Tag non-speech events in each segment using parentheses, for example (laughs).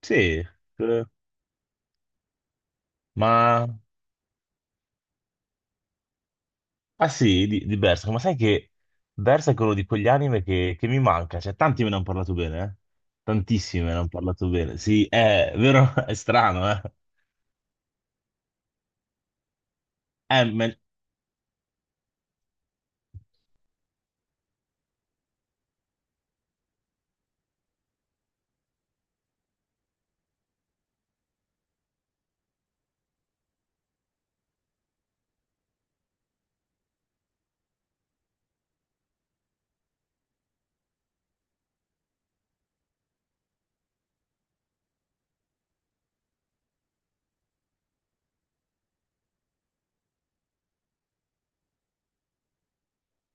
Sì, eh, ma... Ah sì, di Berserk, ma sai che Berserk è quello di quegli anime che mi manca, cioè tanti me ne hanno parlato bene, eh? Tantissimi me ne hanno parlato bene, sì, è vero, (laughs) è strano, eh? Me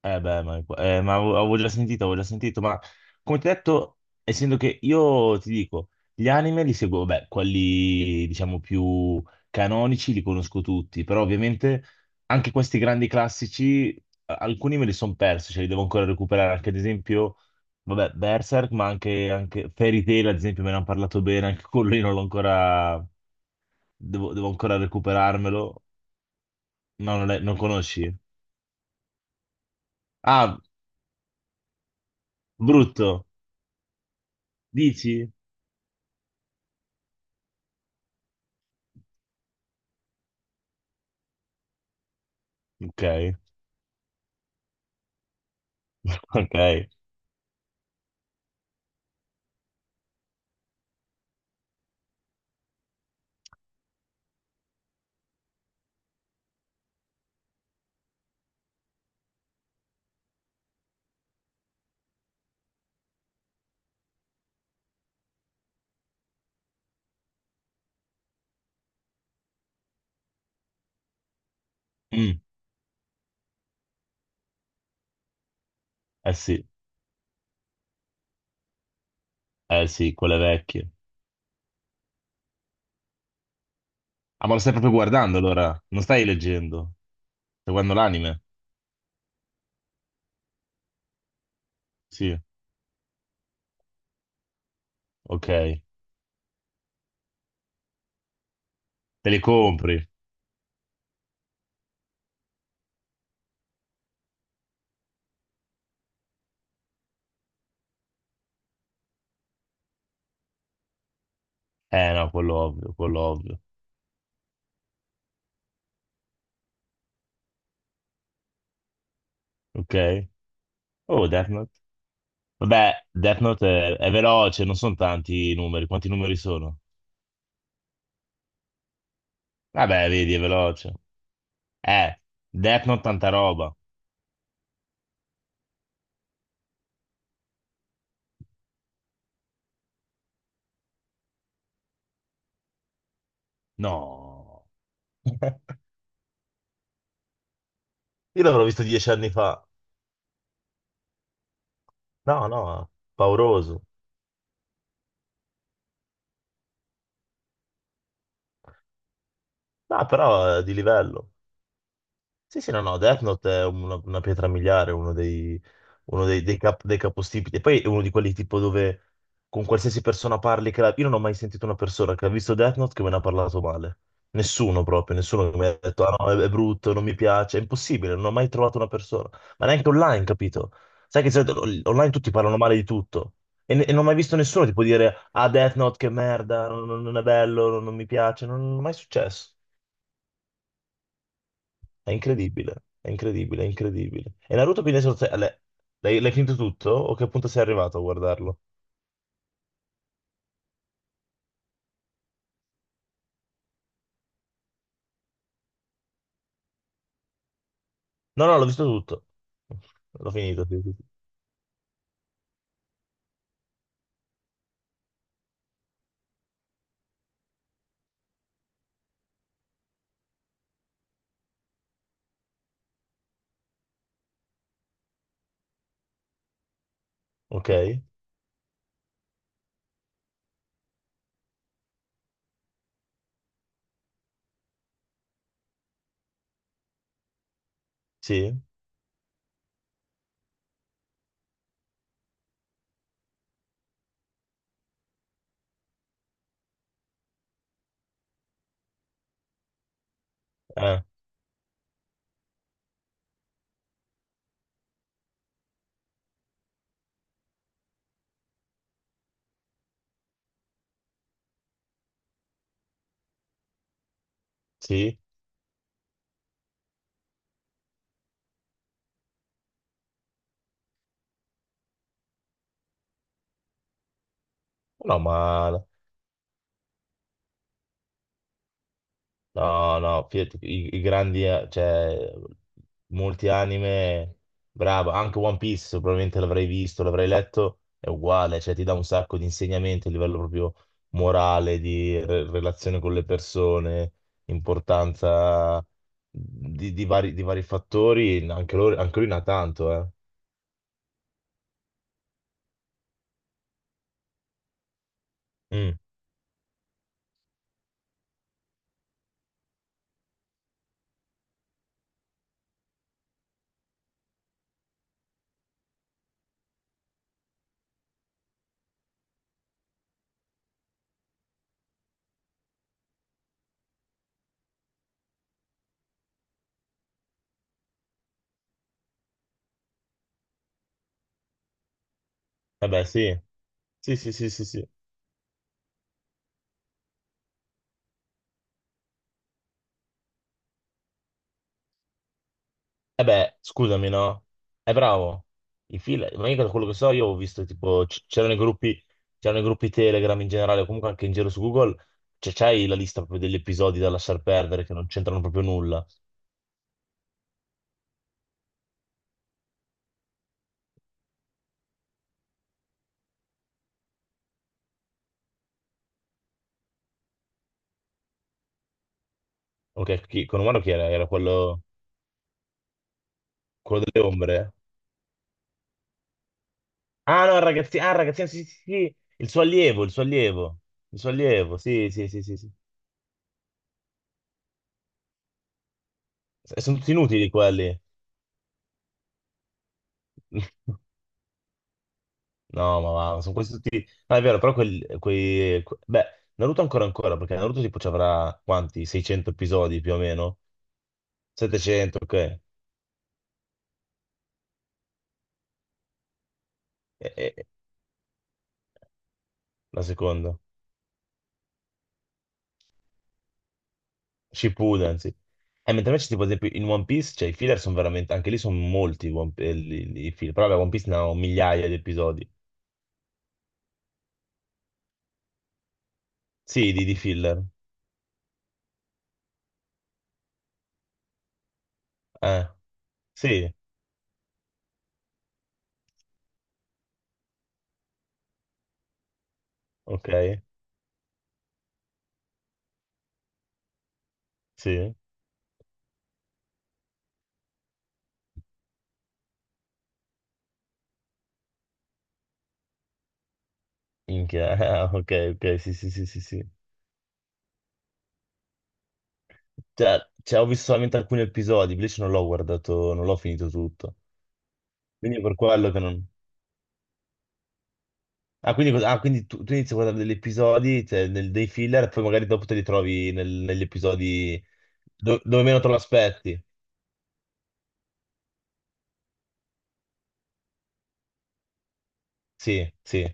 Eh beh, ma avevo già sentito, avevo già sentito, ma come ti ho detto, essendo che io ti dico, gli anime li seguo, beh, quelli diciamo più canonici li conosco tutti, però ovviamente anche questi grandi classici, alcuni me li sono persi, cioè li devo ancora recuperare, anche ad esempio, vabbè, Berserk, ma anche Fairy Tail, ad esempio, me ne hanno parlato bene, anche quello io non l'ho ancora, devo ancora recuperarmelo, no, non, non conosci? Ah, brutto, dici? Ok. (laughs) Ok. Mm. Eh sì, eh sì, quelle vecchie. Ah, ma lo stai proprio guardando allora? Non stai leggendo? Stai guardando l'anime? Sì, ok. Te li compri? Eh no, quello ovvio, quello ovvio. Ok. Oh, Death Note. Vabbè, Death Note è veloce, non sono tanti i numeri. Quanti numeri sono? Vabbè, vedi, è veloce. Eh, Death Note tanta roba. No. Io l'avrò visto dieci anni fa. No, no, pauroso. No, però è di livello. Sì, sì, no, no, Death Note è una pietra miliare, uno dei, dei capostipiti. E poi è uno di quelli tipo dove con qualsiasi persona parli, io non ho mai sentito una persona che ha visto Death Note che me ne ha parlato male. Nessuno proprio, nessuno che mi ha detto, ah no, è brutto, non mi piace, è impossibile, non ho mai trovato una persona. Ma neanche online, capito? Sai che di solito online tutti parlano male di tutto. E non ho mai visto nessuno tipo dire, ah Death Note che merda, non è bello, non mi piace, non è mai successo. È incredibile, è incredibile, è incredibile. E Naruto quindi è solo l'hai l'hai finito tutto? O che punto sei arrivato a guardarlo? No, no, l'ho visto tutto. L'ho finito, sì, sì, sì. Ok, sì, eh, sì. No, ma no, no, fidati, i grandi, cioè, molti anime, bravo, anche One Piece probabilmente l'avrei visto, l'avrei letto, è uguale, cioè ti dà un sacco di insegnamenti a livello proprio morale, relazione con le persone, importanza di vari fattori, anche lui ne ha tanto, eh. Mm. Eh beh, sì, sì, sì, sì, sì, sì. Eh beh, scusami, no? È bravo. Ma io da quello che so, io ho visto tipo, c'erano i gruppi Telegram in generale, o comunque anche in giro su Google, c'è c'hai la lista proprio degli episodi da lasciar perdere che non c'entrano proprio nulla. Ok, con Umano chi era? Era quello, quello delle ombre. Ah no, il ragazzino, ah, il ragazzino, sì, sì, sì, il suo allievo, sì, sì, sì, sì, sì. Sono tutti inutili quelli. (laughs) No, ma sono questi tutti... No, è vero, però Beh, Naruto ancora ancora, perché Naruto tipo ci avrà quanti? 600 episodi più o meno? 700, ok. E- la seconda. Shippuden, sì. E mentre invece tipo ad esempio in One Piece, cioè i filler sono veramente... Anche lì sono molti i i filler. Però vabbè, One Piece ne ha un migliaia di episodi. Sì, di filler. Eh, sì, ok, sì. Minchia, (laughs) ok, ok, sì, sì, sì, sì, sì. Cioè, cioè, ho visto solamente alcuni episodi, invece non l'ho guardato, non l'ho finito tutto. Quindi è per quello che non... Ah, quindi, ah, quindi tu inizi a guardare degli episodi, cioè, dei filler, e poi magari dopo te li trovi negli episodi dove meno te lo aspetti. Sì, sì,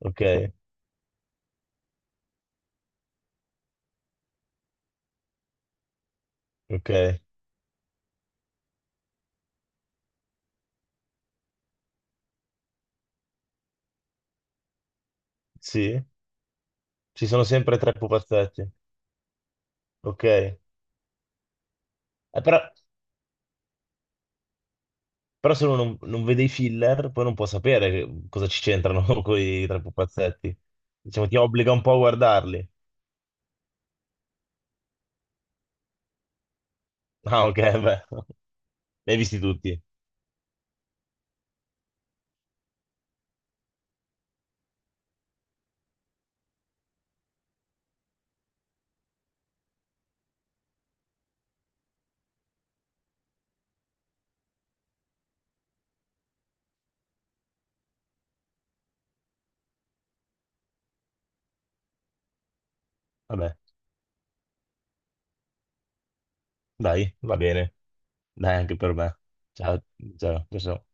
ok, ok, sì. Ci sono sempre tre pupazzetti, ok. Però, però se uno non vede i filler, poi non può sapere cosa ci c'entrano (laughs) con i tre pupazzetti. Diciamo, ti obbliga un po' a guardarli. Ah, ok, beh. Li hai visti tutti? Vabbè, dai, va bene. Dai, anche per me. Ciao, ciao, ciao. Ciao.